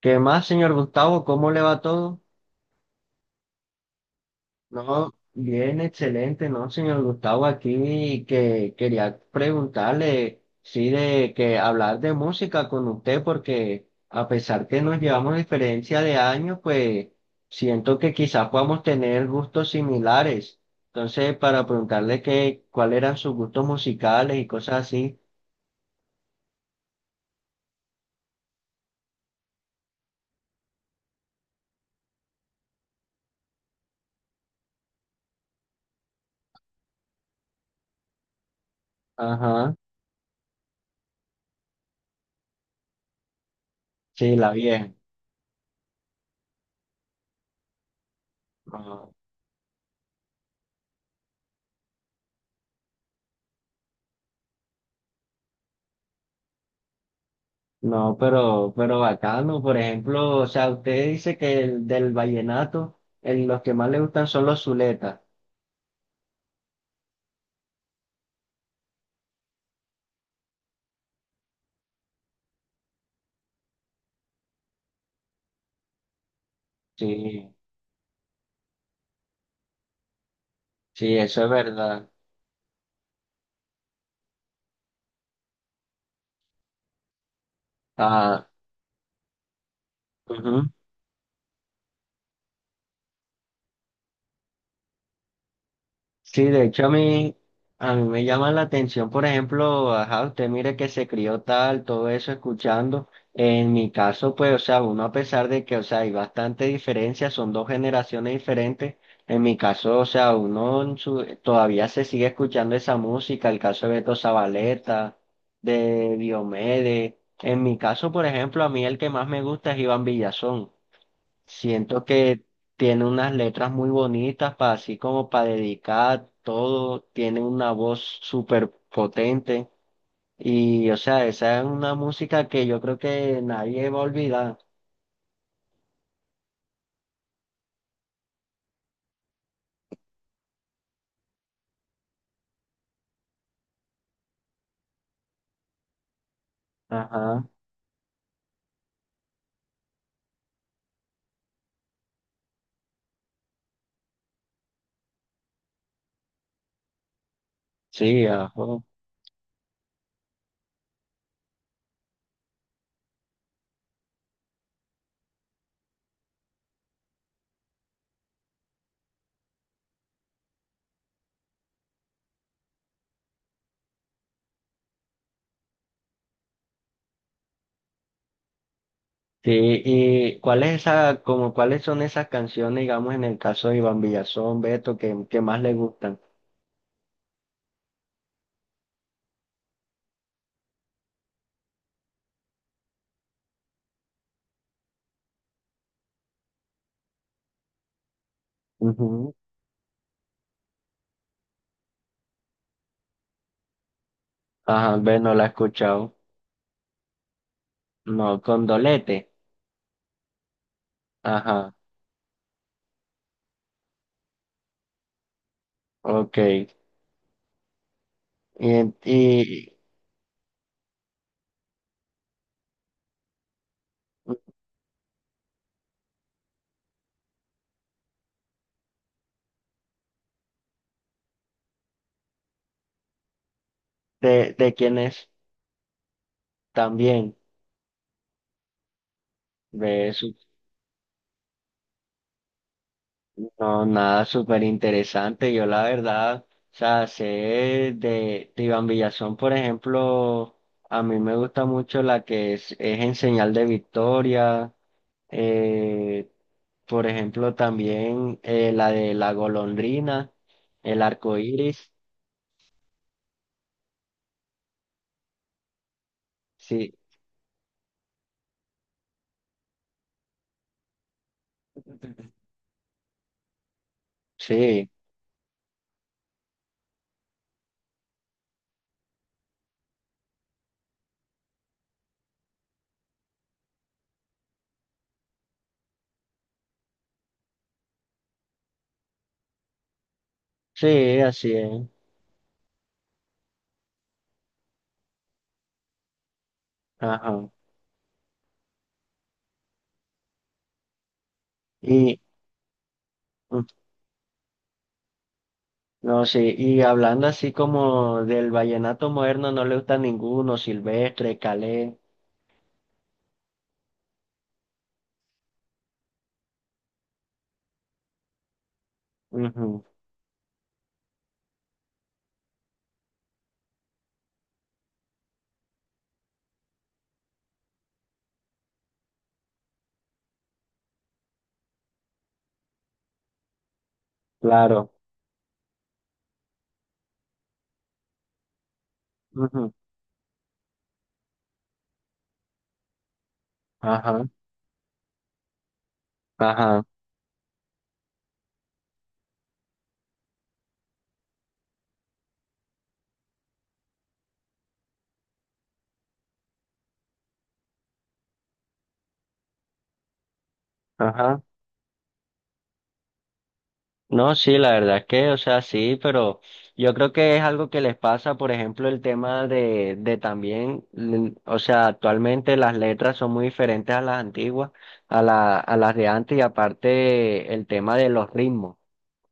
¿Qué más, señor Gustavo? ¿Cómo le va todo? No, bien, excelente, ¿no, señor Gustavo? Aquí que quería preguntarle, sí, de que hablar de música con usted, porque a pesar que nos llevamos diferencia de años, pues siento que quizás podamos tener gustos similares. Entonces, para preguntarle que, cuáles eran sus gustos musicales y cosas así. Ajá, sí, la vieja. Ajá. No, pero bacano. Por ejemplo, o sea, usted dice que el del vallenato, los que más le gustan son los zuletas. Sí, sí, eso es verdad. Ah, ujú. Sí, de hecho a mí me llama la atención, por ejemplo, ajá, usted mire que se crió tal, todo eso escuchando. En mi caso, pues, o sea, uno a pesar de que, o sea, hay bastante diferencia, son dos generaciones diferentes. En mi caso, o sea, todavía se sigue escuchando esa música, el caso de Beto Zabaleta, de Diomedes. En mi caso, por ejemplo, a mí el que más me gusta es Iván Villazón. Siento que tiene unas letras muy bonitas para así como para dedicar todo, tiene una voz súper potente y o sea, esa es una música que yo creo que nadie va a olvidar. Ajá, sí, ajo. Sí, y ¿cuál es esa, como cuáles son esas canciones, digamos, en el caso de Iván Villazón, Beto, que más le gustan? Ujú. Ajá, ve, no la he escuchado. No, Condolete. Ajá, ok. En- y, ¿de, de quienes también? ve su- no, nada súper interesante. Yo la verdad, o sea, sé de Iván Villazón, por ejemplo, a mí me gusta mucho la que es en señal de victoria. Eh, por ejemplo, también la de la golondrina, el arco iris. Sí, sí, sí, así es. Ajá. Y. No, sí, y hablando así como del vallenato moderno, no le gusta ninguno, Silvestre, Calé, ujú, claro, ujú, ajá, ajá, ajá. No, sí, la verdad es que, o sea, sí, pero yo creo que es algo que les pasa, por ejemplo, el tema de también, o sea, actualmente las letras son muy diferentes a las antiguas, a las de antes, y aparte el tema de los ritmos.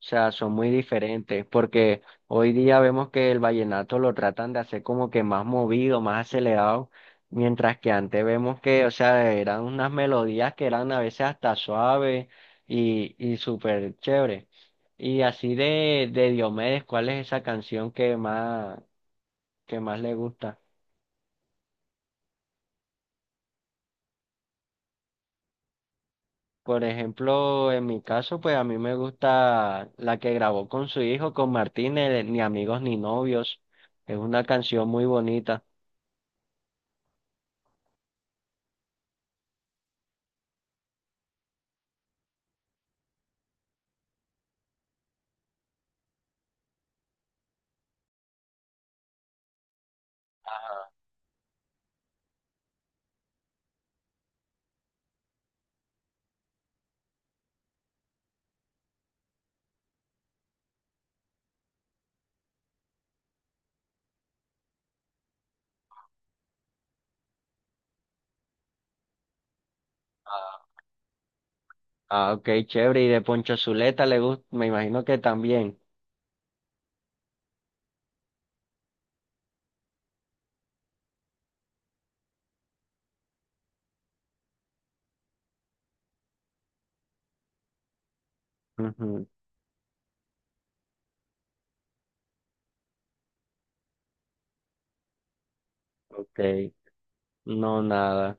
O sea, son muy diferentes, porque hoy día vemos que el vallenato lo tratan de hacer como que más movido, más acelerado, mientras que antes vemos que, o sea, eran unas melodías que eran a veces hasta suaves y súper chévere. Y así de Diomedes, ¿cuál es esa canción que más le gusta? Por ejemplo, en mi caso, pues a mí me gusta la que grabó con su hijo, con Martínez, Ni amigos ni novios. Es una canción muy bonita. Ah, ok, chévere. Y de Poncho Zuleta le gusta, me imagino que también. Ujú. Ok, no nada.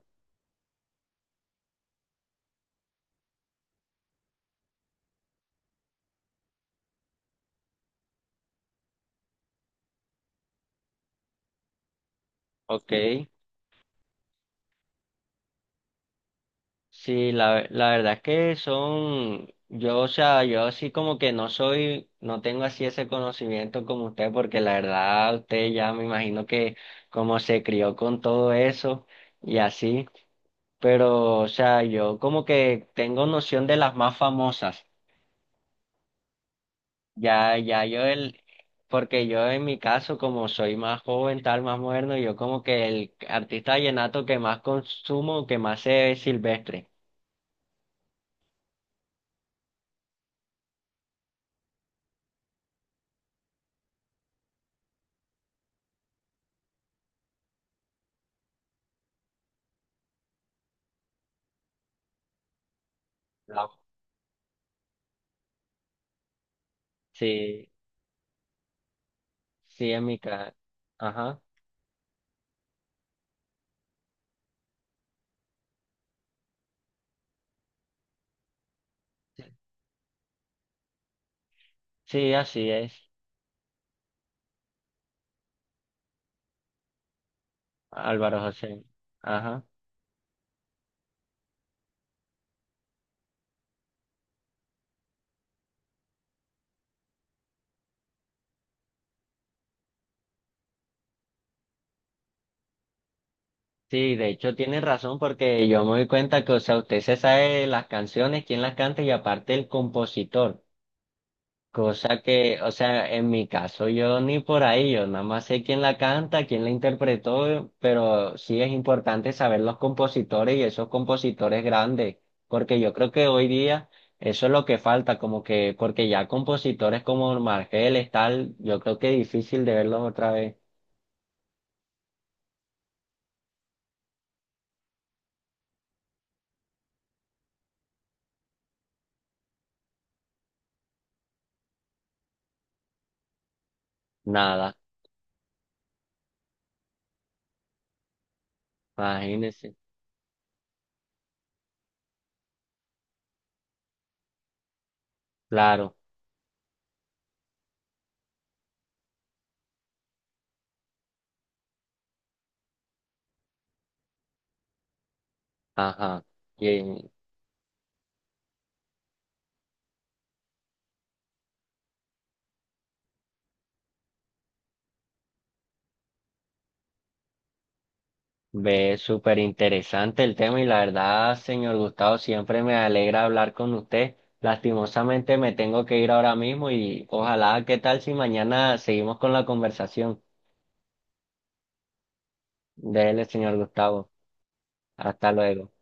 Ok, sí, la verdad es que son, yo, o sea, yo así como que no soy, no tengo así ese conocimiento como usted, porque la verdad usted ya me imagino que como se crió con todo eso y así, pero, o sea, yo como que tengo noción de las más famosas. Ya, ya yo el, porque yo en mi caso, como soy más joven, tal, más moderno, yo como que el artista vallenato que más consumo, que más sé es Silvestre. Claro. Sí, sí, en mi caso. Ajá. Sí. Sí, así es, Álvaro José. Ajá. Sí, de hecho tiene razón porque yo me doy cuenta que, o sea, usted se sabe las canciones, quién las canta y aparte el compositor. Cosa que, o sea, en mi caso yo ni por ahí, yo nada más sé quién la canta, quién la interpretó, pero sí es importante saber los compositores y esos compositores grandes, porque yo creo que hoy día eso es lo que falta, como que, porque ya compositores como Margeles, tal, yo creo que es difícil de verlos otra vez. Nada, imagínense, claro, ajá. Y ve, súper interesante el tema y la verdad, señor Gustavo, siempre me alegra hablar con usted. Lastimosamente me tengo que ir ahora mismo y ojalá, ¿qué tal si mañana seguimos con la conversación? Dele, señor Gustavo. Hasta luego.